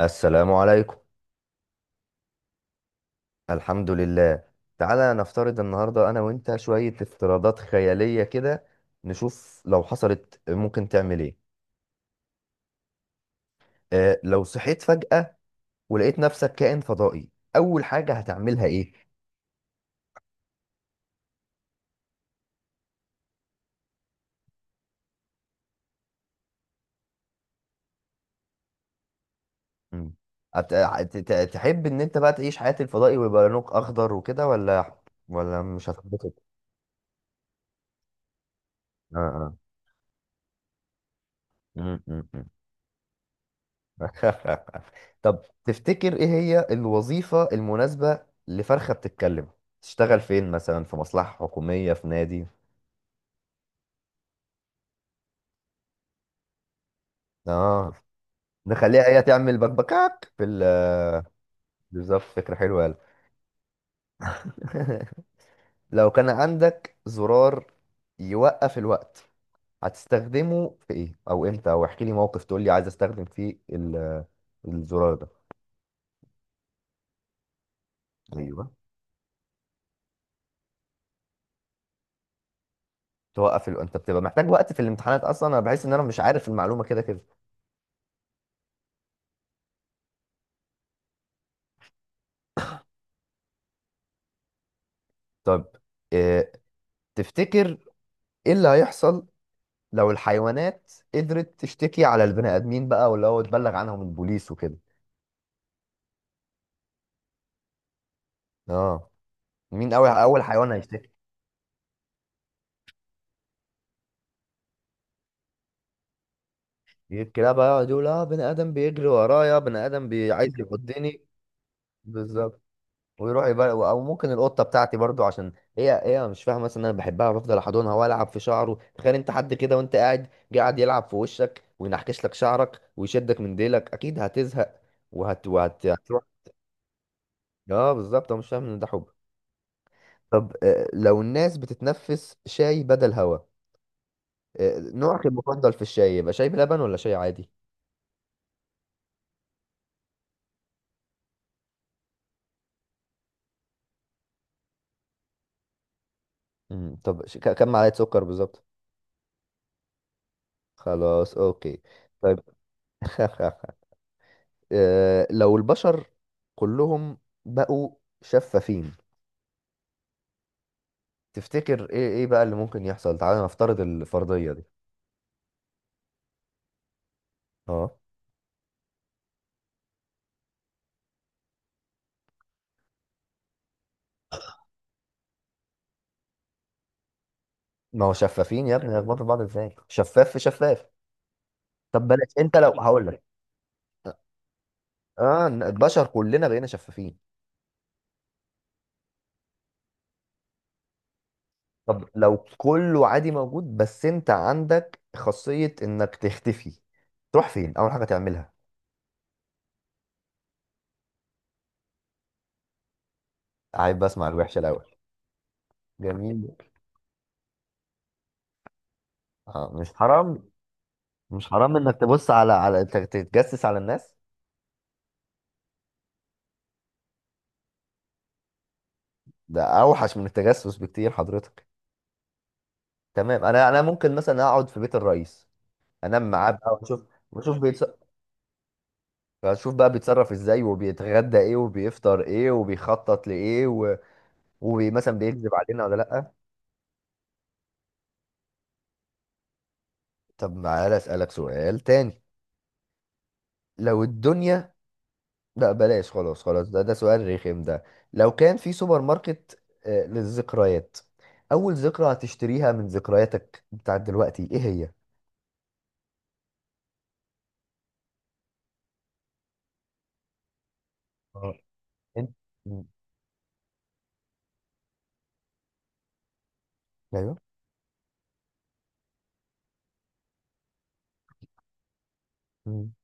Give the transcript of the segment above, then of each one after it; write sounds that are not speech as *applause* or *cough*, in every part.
السلام عليكم. الحمد لله. تعالى نفترض النهاردة أنا وأنت شوية افتراضات خيالية كده، نشوف لو حصلت ممكن تعمل إيه. اه، لو صحيت فجأة ولقيت نفسك كائن فضائي، أول حاجة هتعملها إيه؟ مم. تحب إن أنت بقى تعيش حياة الفضائي ويبقى لونك أخضر وكده، ولا ولا مش هتحب كده؟ آه آه مم، مم، مم. *laughs* طب تفتكر ايه هي الوظيفة المناسبة لفرخة بتتكلم؟ تشتغل فين مثلا، في مصلحة حكومية، في نادي؟ اه نخليها هي تعمل بكبكاك في *laughs* بالظبط، فكرة حلوة، يلا. *laughs* لو كان عندك زرار يوقف الوقت، هتستخدمه في ايه او امتى؟ او احكي لي موقف تقول لي عايز استخدم فيه *laughs* الزرار ده. ايوه توقف انت بتبقى محتاج وقت في الامتحانات اصلا؟ انا بحس ان انا مش عارف المعلومة كده كده. طب، آه، تفتكر ايه اللي هيحصل لو الحيوانات قدرت تشتكي على البني ادمين بقى، واللي هو تبلغ عنهم البوليس وكده؟ اه، مين اول حيوان هيشتكي؟ الكلاب بقى يقعد يقول اه بني ادم بيجري ورايا، بني ادم عايز يعضني. بالظبط. ويروح يبقى، او ممكن القطه بتاعتي برضو، عشان هي هي مش فاهمه مثلا إن انا بحبها، بفضل احضنها والعب في شعره. تخيل انت حد كده، وانت قاعد جه قاعد يلعب في وشك وينحكش لك شعرك ويشدك من ديلك، اكيد هتزهق وهت وهت هتروح. اه بالظبط، هو مش فاهم ان ده حب. طب، لو الناس بتتنفس شاي بدل هوا، نوعك المفضل في الشاي يبقى شاي بلبن ولا شاي عادي؟ طب كم معلقة سكر بالظبط؟ خلاص، اوكي. طيب. *laughs* لو البشر كلهم بقوا شفافين، تفتكر ايه بقى اللي ممكن يحصل؟ تعالى نفترض الفرضية دي. اه، ما هو شفافين يا ابني، يخبطوا في بعض ازاي، شفاف في شفاف؟ طب بلاش، انت لو هقول لك اه البشر كلنا بقينا شفافين. طب لو كله عادي موجود، بس انت عندك خاصية انك تختفي، تروح فين، اول حاجة تعملها؟ عيب، بسمع الوحشة الاول. جميل. اه، مش حرام؟ مش حرام انك تبص على على تتجسس على الناس؟ ده اوحش من التجسس بكتير حضرتك. تمام، انا ممكن مثلا اقعد في بيت الرئيس، انام معاه بقى واشوف، واشوف بيتص... اشوف بقى بيتصرف ازاي، وبيتغدى ايه، وبيفطر ايه، وبيخطط لايه، ومثلا بيكذب علينا ولا لا. طب تعالى اسالك سؤال تاني. لو الدنيا، لا بلاش، خلاص خلاص، ده سؤال رخم ده. لو كان في سوبر ماركت للذكريات، اول ذكرى هتشتريها من ذكرياتك بتاعت دلوقتي ايه هي؟ آه، انت م- ايوه. م-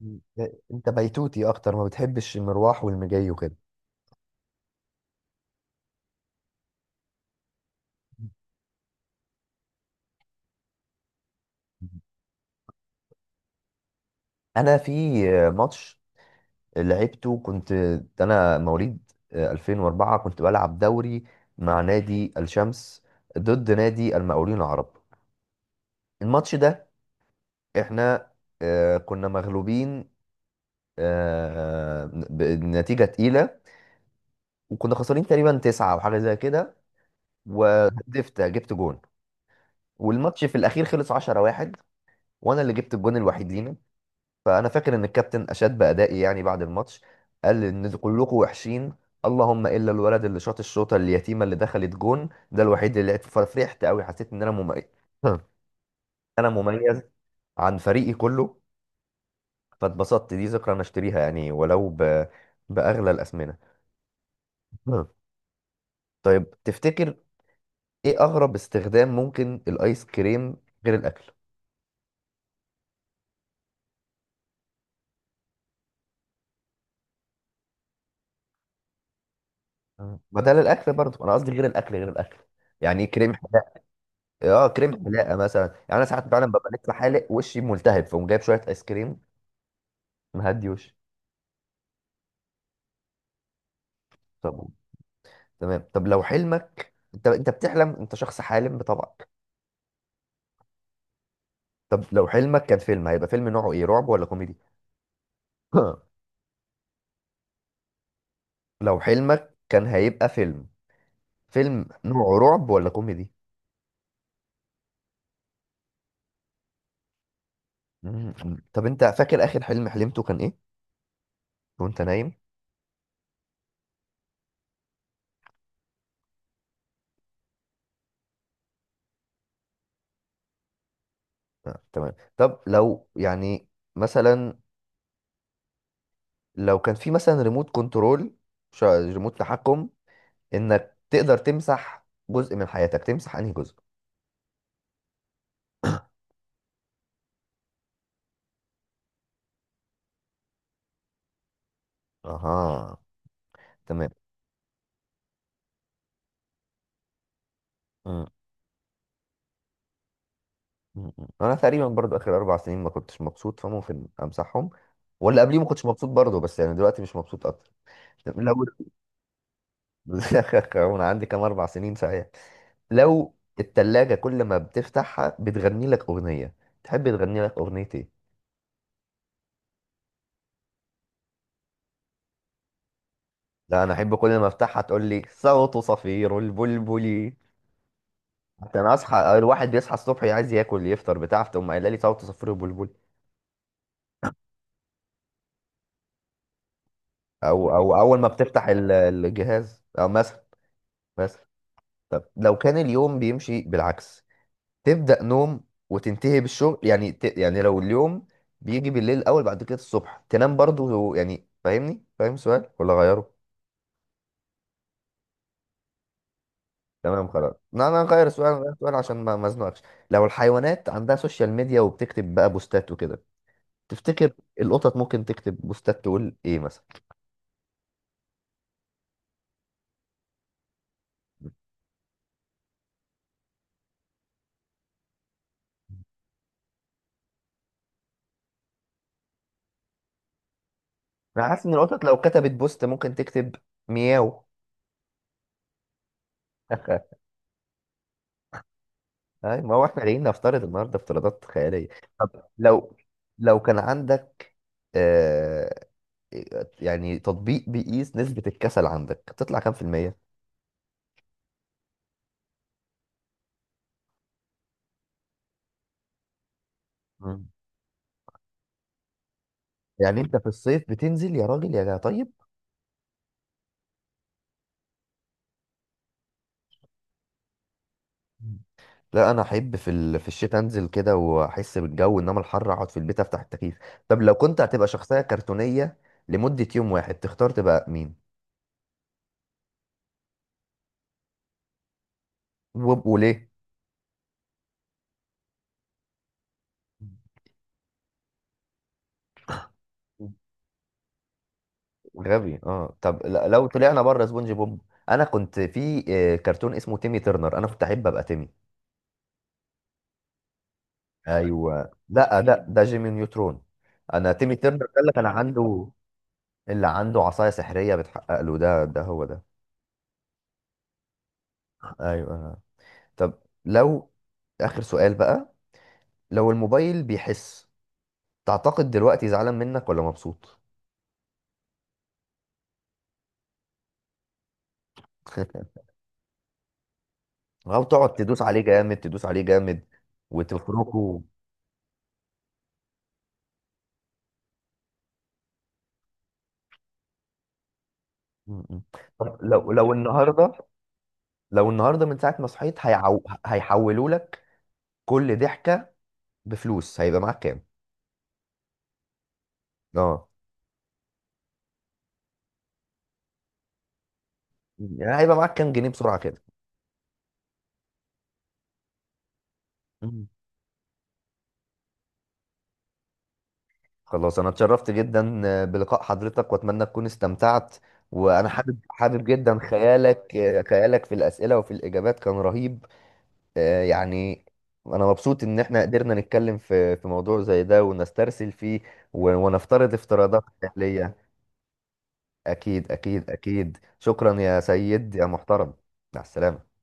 م- انت بيتوتي اكتر، ما بتحبش المروح والمجاي وكده. انا في ماتش لعبته، كنت، ده انا مواليد 2004، كنت بلعب دوري مع نادي الشمس ضد نادي المقاولين العرب. الماتش ده احنا كنا مغلوبين، آه، بنتيجة تقيلة. وكنا خسرانين تقريبا تسعة او حاجة زي كده، وهدفت جبت جون. والماتش في الاخير خلص 10 واحد، وانا اللي جبت الجون الوحيد لينا. فانا فاكر ان الكابتن اشاد بادائي يعني، بعد الماتش قال ان كلكم وحشين اللهم الا الولد اللي شاط الشوطه اليتيمه اللي دخلت جون، ده الوحيد اللي لعب. ففرحت قوي، حسيت ان انا مميز. *clears throat* *laughs* انا مميز عن فريقي كله. فاتبسطت، دي ذكرى انا اشتريها يعني ولو باغلى الاسمنه. آه. طيب تفتكر ايه اغرب استخدام ممكن الايس كريم غير الاكل؟ ما ده للاكل برضه، انا قصدي غير الاكل غير الاكل. يعني كريم حلاقه. اه كريم حلاقه مثلا، يعني انا ساعات فعلا ببقى لسه حالق وشي ملتهب فاقوم جايب شويه ايس كريم مهدي وشي. طب تمام. طب لو حلمك، انت انت بتحلم، انت شخص حالم بطبعك. طب لو حلمك كان فيلم هيبقى فيلم نوعه ايه، رعب ولا كوميدي؟ *laughs* لو حلمك كان هيبقى فيلم، فيلم نوعه رعب ولا كوميدي؟ مم. طب انت فاكر اخر حلم حلمته كان ايه وانت نايم؟ تمام. طب لو يعني مثلا، لو كان في مثلا ريموت كنترول، ريموت تحكم انك تقدر تمسح جزء من حياتك، تمسح انهي جزء؟ اها، تمام. مم. مم. انا تقريبا برضو اخر 4 سنين ما كنتش مبسوط، فممكن امسحهم. ولا قبليه ما كنتش مبسوط برضو، بس يعني دلوقتي مش مبسوط اكتر. لو... *laughs* انا عندي كام، 4 سنين صحيح. لو التلاجة كل ما بتفتحها بتغني لك أغنية، تحب تغني لك أغنية إيه؟ لا، أنا أحب كل ما أفتحها تقول لي صوت صفير البلبل. حتى أنا أصحى، الواحد بيصحى الصبح عايز ياكل يفطر بتاع، فتقوم قايلة لي صوت صفير البلبل. أو أو أول ما بتفتح الجهاز، أو مثلا، مثلا. طب لو كان اليوم بيمشي بالعكس، تبدأ نوم وتنتهي بالشغل، يعني يعني لو اليوم بيجي بالليل الأول، بعد كده الصبح تنام برضو، يعني فاهمني؟ فاهم السؤال ولا غيره؟ تمام خلاص، لا انا هغير السؤال، هغير السؤال عشان ما ازنقكش. لو الحيوانات عندها سوشيال ميديا وبتكتب بقى بوستات وكده، تفتكر القطط ممكن تكتب بوستات تقول ايه مثلا؟ انا حاسس ان القطط لو كتبت بوست ممكن تكتب مياو. *laughs* أي، ما هو احنا جايين نفترض النهارده افتراضات خياليه. طب لو، كان عندك آه يعني تطبيق بيقيس نسبه الكسل عندك، تطلع كام في المية؟ مم. يعني انت في الصيف بتنزل يا راجل يا طيب. مم. لا انا احب في في الشتاء انزل كده واحس بالجو، انما الحر اقعد في البيت افتح التكييف. طب لو كنت هتبقى شخصية كرتونية لمدة يوم واحد، تختار تبقى مين وليه؟ مم. غبي، اه. طب لو طلعنا بره سبونج بوب، انا كنت في كرتون اسمه تيمي ترنر، انا كنت احب ابقى تيمي. ايوه، لا ده جيمي نيوترون، انا تيمي ترنر ده اللي كان عنده، اللي عنده عصاية سحرية بتحقق له، ده ده هو ده. ايوه. طب لو، اخر سؤال بقى، لو الموبايل بيحس، تعتقد دلوقتي زعلان منك ولا مبسوط؟ *laughs* او تقعد تدوس عليه جامد، تدوس عليه جامد، وتفركه. م- م. طب لو، النهارده، لو النهارده من ساعه ما صحيت هيحولوا لك كل ضحكه بفلوس، هيبقى معاك كام؟ اه، يعني هيبقى معاك كام جنيه بسرعه كده. م. خلاص انا اتشرفت جدا بلقاء حضرتك، واتمنى تكون استمتعت. وانا حابب حابب جدا خيالك، خيالك في الاسئله وفي الاجابات كان رهيب. يعني انا مبسوط ان احنا قدرنا نتكلم في موضوع زي ده ونسترسل فيه، ونفترض افتراضات خيالية. اكيد اكيد اكيد، شكرا يا سيد يا محترم. مع السلامة.